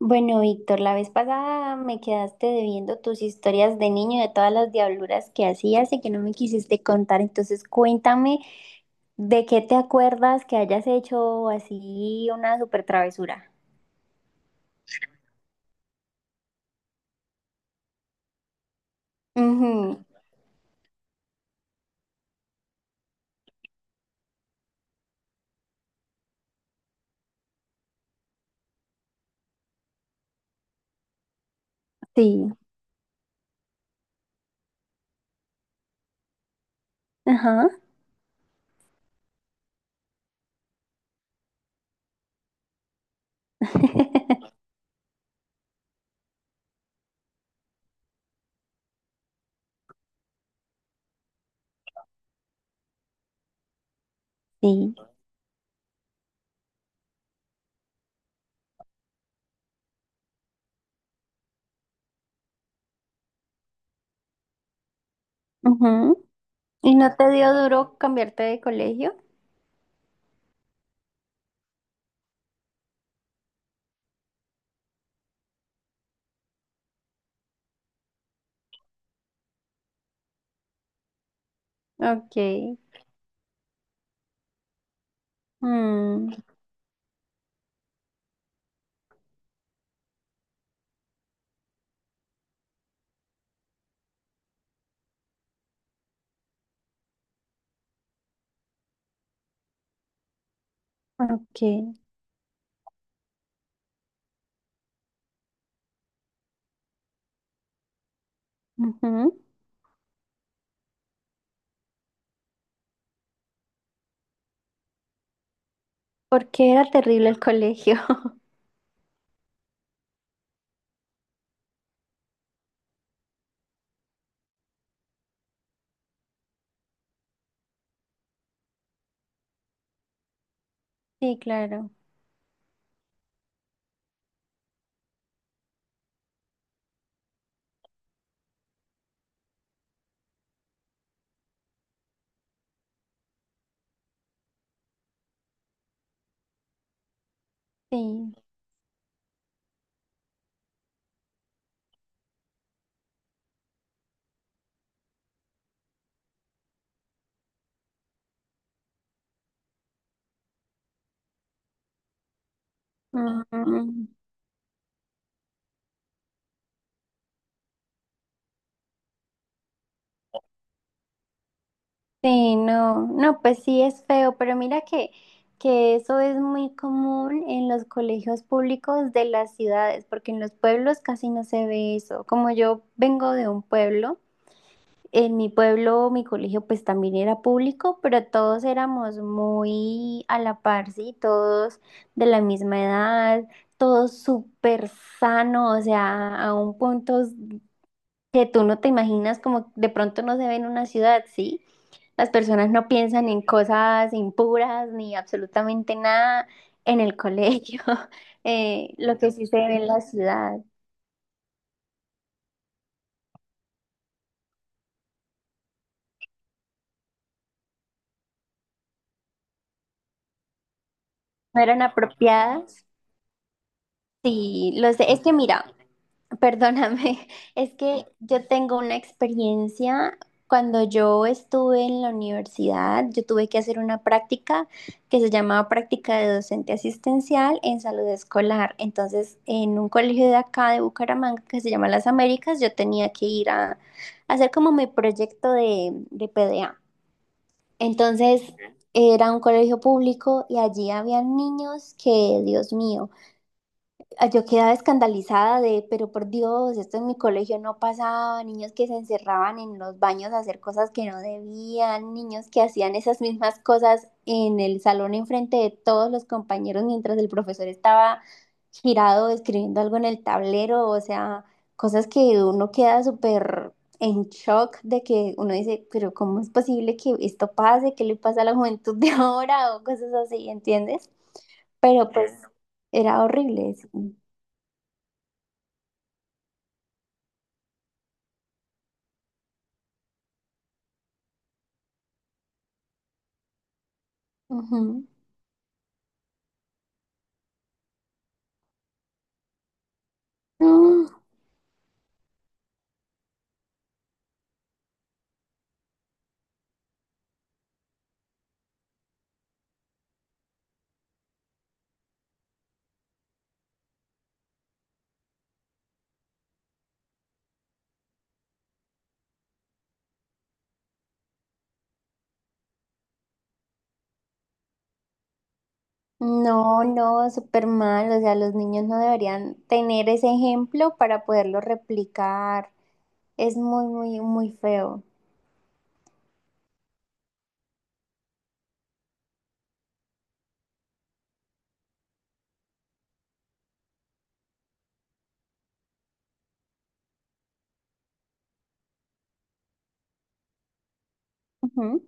Bueno, Víctor, la vez pasada me quedaste debiendo tus historias de niño, de todas las diabluras que hacías y que no me quisiste contar. Entonces, cuéntame de qué te acuerdas que hayas hecho así una super travesura. Ujú. Sí, ajá. Sí. Ujú. ¿Y no te dio duro cambiarte de colegio? Ok. Mm, ok. Ujú. Porque era terrible el colegio. Sí, claro. Sí. Mm. Sí, no, no, pues sí es feo, pero mira que eso es muy común en los colegios públicos de las ciudades, porque en los pueblos casi no se ve eso. Como yo vengo de un pueblo, en mi pueblo mi colegio pues también era público, pero todos éramos muy a la par, sí, todos de la misma edad, todos súper sanos, o sea, a un punto que tú no te imaginas como de pronto no se ve en una ciudad, sí. Las personas no piensan en cosas impuras ni absolutamente nada en el colegio. Lo que sí se ve en la ciudad no eran apropiadas. Sí, lo sé. Es que mira, perdóname, es que yo tengo una experiencia. Cuando yo estuve en la universidad, yo tuve que hacer una práctica que se llamaba práctica de docente asistencial en salud escolar. Entonces, en un colegio de acá de Bucaramanga que se llama Las Américas, yo tenía que ir a hacer como mi proyecto de PDA. Entonces, era un colegio público y allí había niños que, Dios mío, ah, yo quedaba escandalizada de, pero por Dios, esto en mi colegio no pasaba, niños que se encerraban en los baños a hacer cosas que no debían, niños que hacían esas mismas cosas en el salón enfrente de todos los compañeros mientras el profesor estaba girado escribiendo algo en el tablero, o sea, cosas que uno queda súper en shock de que uno dice, pero ¿cómo es posible que esto pase? ¿Qué le pasa a la juventud de ahora? O cosas así, ¿entiendes? Pero pues era horrible. Sí. Ujú. Mm. No, no, súper mal. O sea, los niños no deberían tener ese ejemplo para poderlo replicar. Es muy, muy, muy feo. Ujú.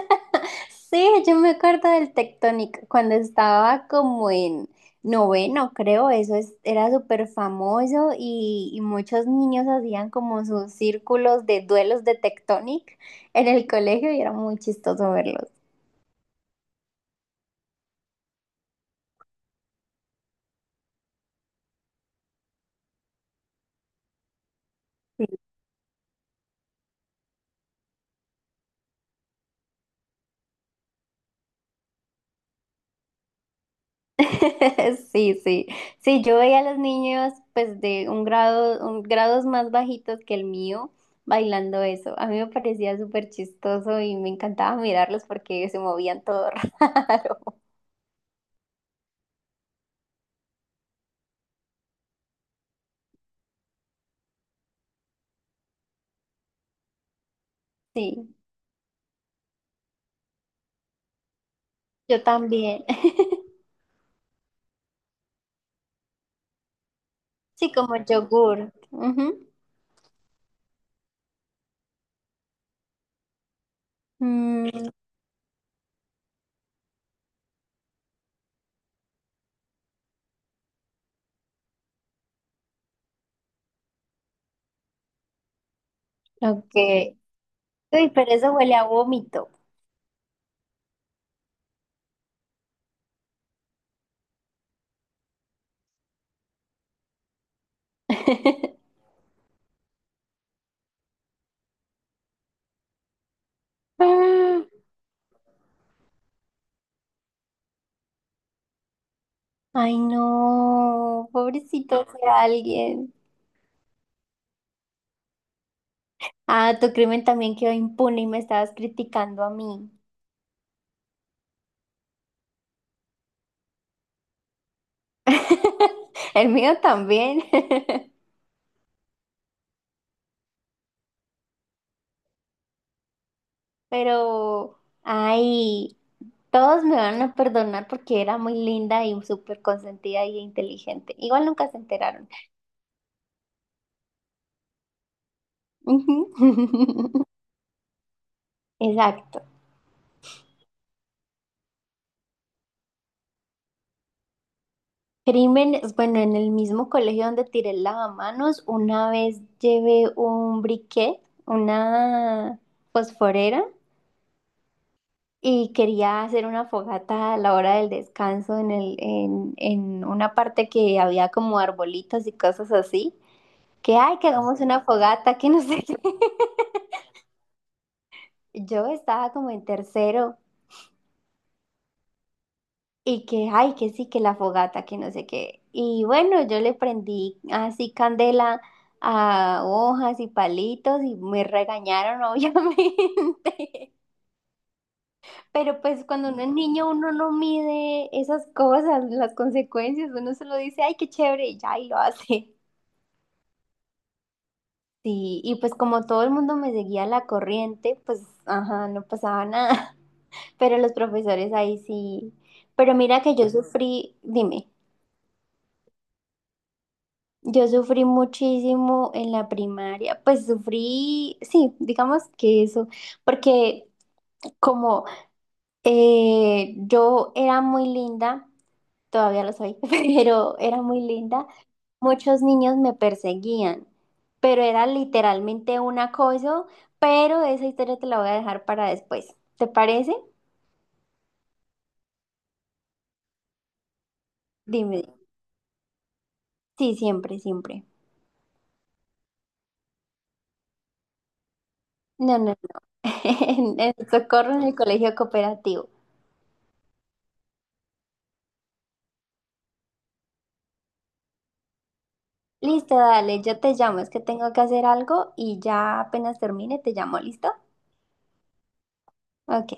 Sí, yo me acuerdo del Tectonic cuando estaba como en noveno, creo, era súper famoso y muchos niños hacían como sus círculos de duelos de Tectonic en el colegio y era muy chistoso verlos. Sí, sí, sí, yo veía a los niños pues de un grado, un, grados más bajitos que el mío bailando eso. A mí me parecía súper chistoso y me encantaba mirarlos porque se movían todo raro. Sí, yo también. Sí, como yogur. Ujú. Mm, ok. Uy, pero eso huele a vómito. Ah, ay, no, pobrecito de alguien. Ah, tu crimen también quedó impune y me estabas criticando a mí. El mío también. Pero, ay, todos me van a perdonar porque era muy linda y súper consentida y inteligente. Igual nunca se enteraron. Ujú. Exacto. Crímenes, bueno, en el mismo colegio donde tiré el lavamanos, una vez llevé un briquet, una fosforera, y quería hacer una fogata a la hora del descanso en el, en una parte que había como arbolitos y cosas así, que ay, que hagamos una fogata, que no sé qué. Yo estaba como en tercero y que ay, que sí, que la fogata, que no sé qué. Y bueno, yo le prendí así candela a hojas y palitos y me regañaron, obviamente. Pero pues cuando uno es niño uno no mide esas cosas, las consecuencias, uno solo dice, ay, qué chévere, y ya, y lo hace. Sí, y pues como todo el mundo me seguía la corriente, pues, ajá, no pasaba nada. Pero los profesores ahí sí. Pero mira que yo sufrí, dime, yo sufrí muchísimo en la primaria, pues sufrí, sí, digamos que eso, porque como yo era muy linda, todavía lo soy, pero era muy linda. Muchos niños me perseguían, pero era literalmente un acoso, pero esa historia te la voy a dejar para después. ¿Te parece? Dime. Sí, siempre, siempre. No, no, no. En el socorro en el colegio cooperativo. Listo, dale, yo te llamo, es que tengo que hacer algo y ya apenas termine, te llamo, ¿listo? Ok.